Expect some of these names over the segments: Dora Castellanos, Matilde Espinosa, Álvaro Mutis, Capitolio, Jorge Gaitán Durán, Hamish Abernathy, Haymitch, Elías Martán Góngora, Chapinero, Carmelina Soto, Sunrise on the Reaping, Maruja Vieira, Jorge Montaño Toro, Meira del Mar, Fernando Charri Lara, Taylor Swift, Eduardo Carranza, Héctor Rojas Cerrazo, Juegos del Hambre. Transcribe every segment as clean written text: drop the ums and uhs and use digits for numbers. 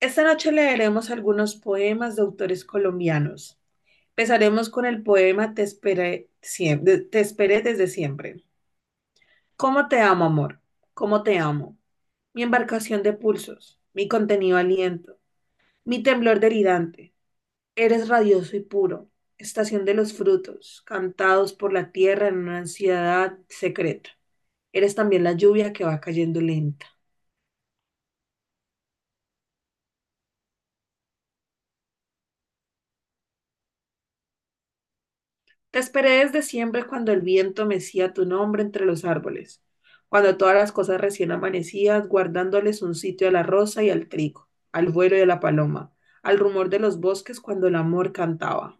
Esta noche leeremos algunos poemas de autores colombianos. Empezaremos con el poema Te esperé, Te esperé desde siempre. ¿Cómo te amo, amor? ¿Cómo te amo? Mi embarcación de pulsos, mi contenido aliento, mi temblor delirante. Eres radioso y puro, estación de los frutos, cantados por la tierra en una ansiedad secreta. Eres también la lluvia que va cayendo lenta. Te esperé desde siempre cuando el viento mecía tu nombre entre los árboles, cuando todas las cosas recién amanecías, guardándoles un sitio a la rosa y al trigo, al vuelo de la paloma, al rumor de los bosques cuando el amor cantaba.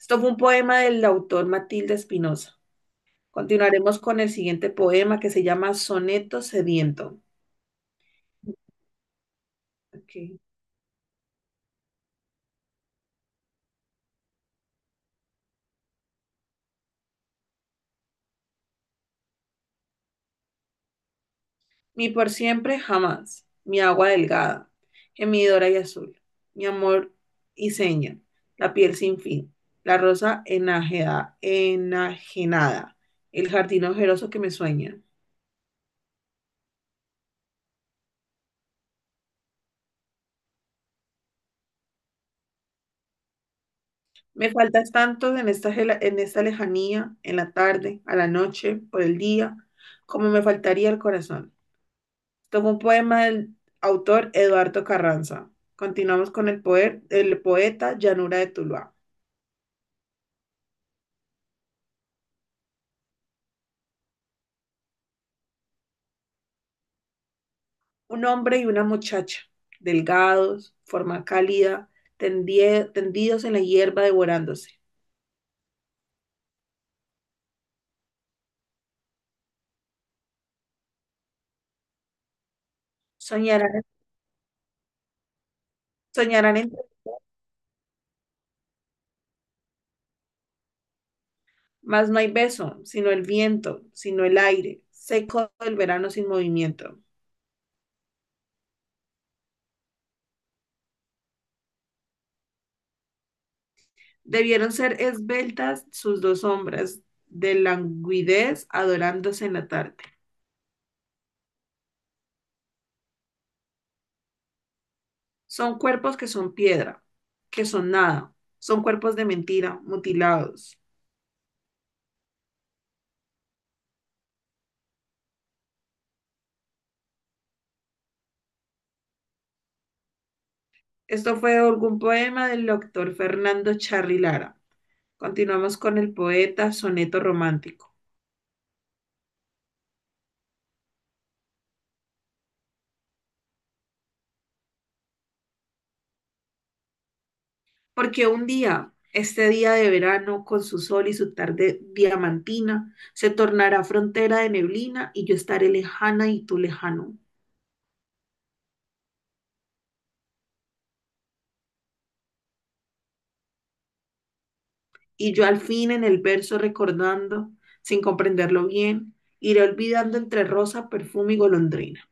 Esto fue un poema del autor Matilde Espinosa. Continuaremos con el siguiente poema que se llama Soneto Sediento. Ok. Mi por siempre jamás, mi agua delgada, gemidora y azul, mi amor y seña, la piel sin fin, la enajenada, el jardín ojeroso que me sueña. Me faltas tanto en esta lejanía, en la tarde, a la noche, por el día, como me faltaría el corazón. Tomo un poema del autor Eduardo Carranza. Continuamos con el poeta Llanura de Tuluá. Un hombre y una muchacha, delgados, forma cálida, tendidos en la hierba devorándose. Soñarán, soñarán entre, mas no hay beso, sino el viento, sino el aire, seco del verano sin movimiento. Debieron ser esbeltas sus dos sombras, de languidez adorándose en la tarde. Son cuerpos que son piedra, que son nada, son cuerpos de mentira, mutilados. Esto fue algún poema del doctor Fernando Charri Lara. Continuamos con el poeta Soneto Romántico. Porque un día, este día de verano, con su sol y su tarde diamantina, se tornará frontera de neblina y yo estaré lejana y tú lejano. Y yo al fin en el verso recordando, sin comprenderlo bien, iré olvidando entre rosa, perfume y golondrina.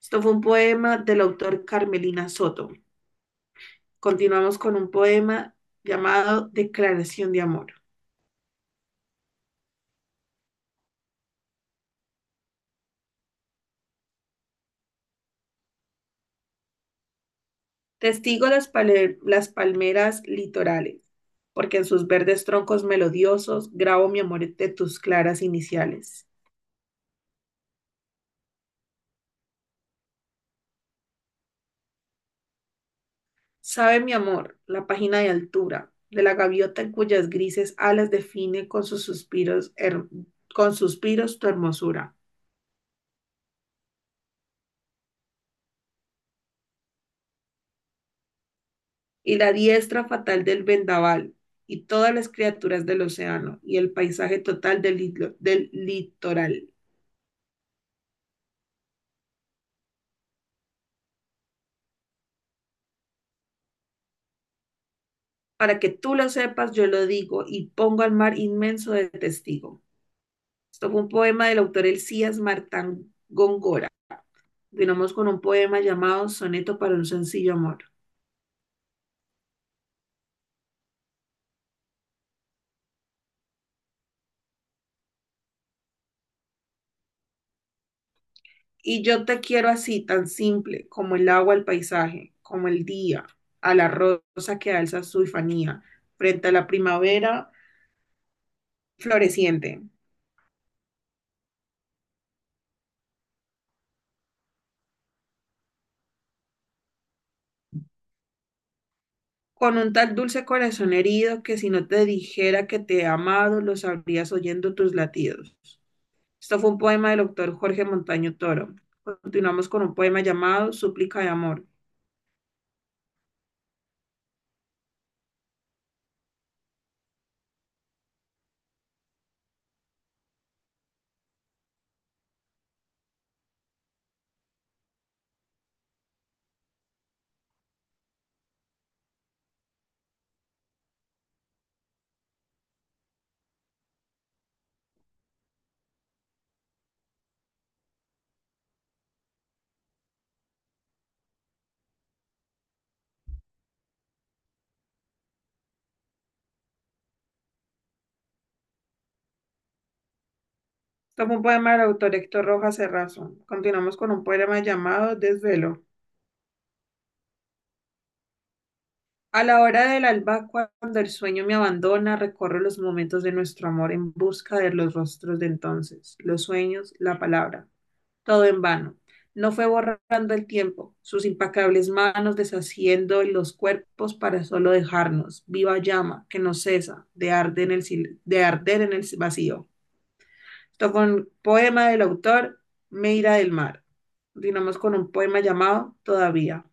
Esto fue un poema del autor Carmelina Soto. Continuamos con un poema llamado Declaración de Amor. Las palmeras litorales, porque en sus verdes troncos melodiosos grabo mi amor de tus claras iniciales. Sabe mi amor la página de altura de la gaviota en cuyas grises alas define con suspiros tu hermosura, y la diestra fatal del vendaval, y todas las criaturas del océano, y el paisaje total del litoral. Para que tú lo sepas, yo lo digo y pongo al mar inmenso de testigo. Esto fue un poema del autor Elías Martán Góngora. Continuamos con un poema llamado Soneto para un sencillo amor. Y yo te quiero así, tan simple, como el agua al paisaje, como el día, a la rosa que alza su infanía, frente a la primavera floreciente, con un tal dulce corazón herido que si no te dijera que te he amado, lo sabrías oyendo tus latidos. Esto fue un poema del autor Jorge Montaño Toro. Continuamos con un poema llamado Súplica de Amor. Tomo un poema del autor Héctor Rojas Cerrazo. Continuamos con un poema llamado Desvelo. A la hora del alba, cuando el sueño me abandona, recorro los momentos de nuestro amor en busca de los rostros de entonces, los sueños, la palabra. Todo en vano. No fue borrando el tiempo, sus implacables manos deshaciendo los cuerpos para solo dejarnos, viva llama que no cesa de arder en el vacío. Esto con un poema del autor Meira del Mar. Continuamos con un poema llamado Todavía.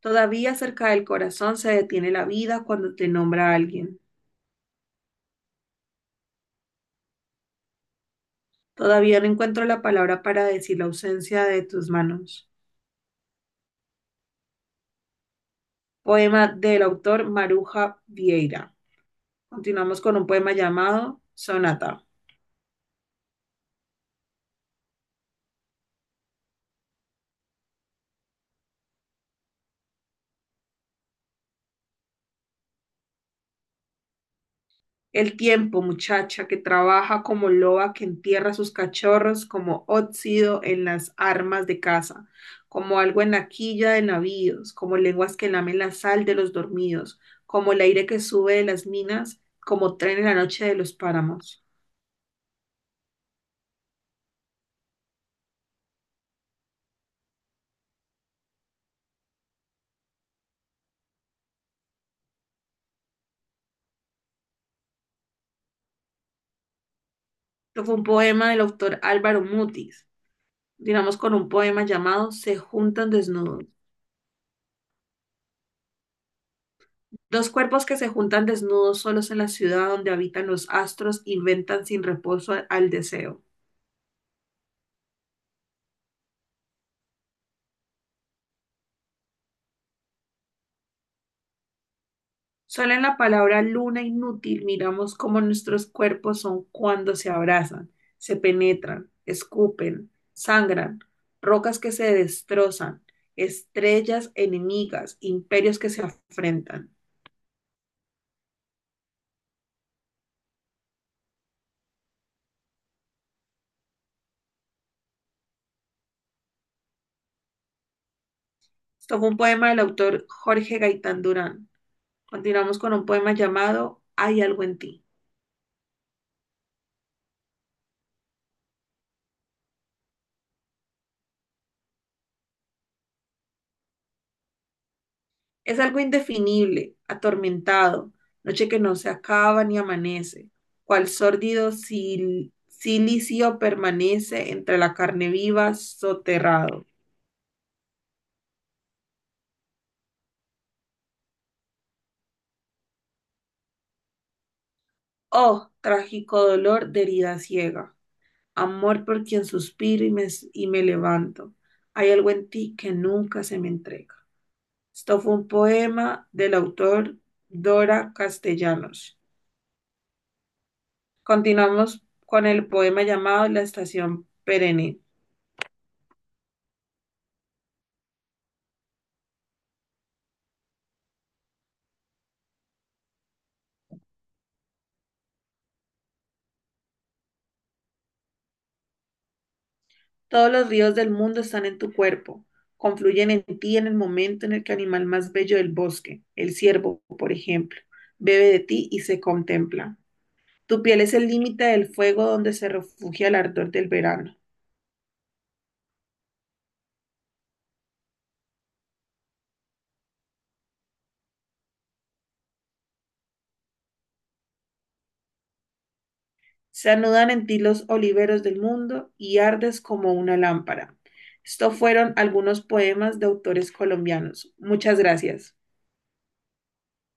Todavía cerca del corazón se detiene la vida cuando te nombra alguien. Todavía no encuentro la palabra para decir la ausencia de tus manos. Poema del autor Maruja Vieira. Continuamos con un poema llamado Sonata. El tiempo, muchacha, que trabaja como loba que entierra sus cachorros como óxido en las armas de caza, como algo en la quilla de navíos, como lenguas que lamen la sal de los dormidos, como el aire que sube de las minas, como tren en la noche de los páramos. Esto fue un poema del autor Álvaro Mutis, digamos con un poema llamado Se juntan desnudos. Dos cuerpos que se juntan desnudos solos en la ciudad donde habitan los astros inventan sin reposo al deseo. Solo en la palabra luna inútil miramos cómo nuestros cuerpos son cuando se abrazan, se penetran, escupen, sangran, rocas que se destrozan, estrellas enemigas, imperios que se afrentan. Esto fue un poema del autor Jorge Gaitán Durán. Continuamos con un poema llamado Hay algo en ti. Es algo indefinible, atormentado, noche que no se acaba ni amanece, cual sórdido silicio permanece entre la carne viva soterrado. Oh, trágico dolor de herida ciega, amor por quien y me levanto. Hay algo en ti que nunca se me entrega. Esto fue un poema del autor Dora Castellanos. Continuamos con el poema llamado La Estación Perenne. Todos los ríos del mundo están en tu cuerpo, confluyen en ti en el momento en el que el animal más bello del bosque, el ciervo, por ejemplo, bebe de ti y se contempla. Tu piel es el límite del fuego donde se refugia el ardor del verano. Se anudan en ti los oliveros del mundo y ardes como una lámpara. Estos fueron algunos poemas de autores colombianos. Muchas gracias.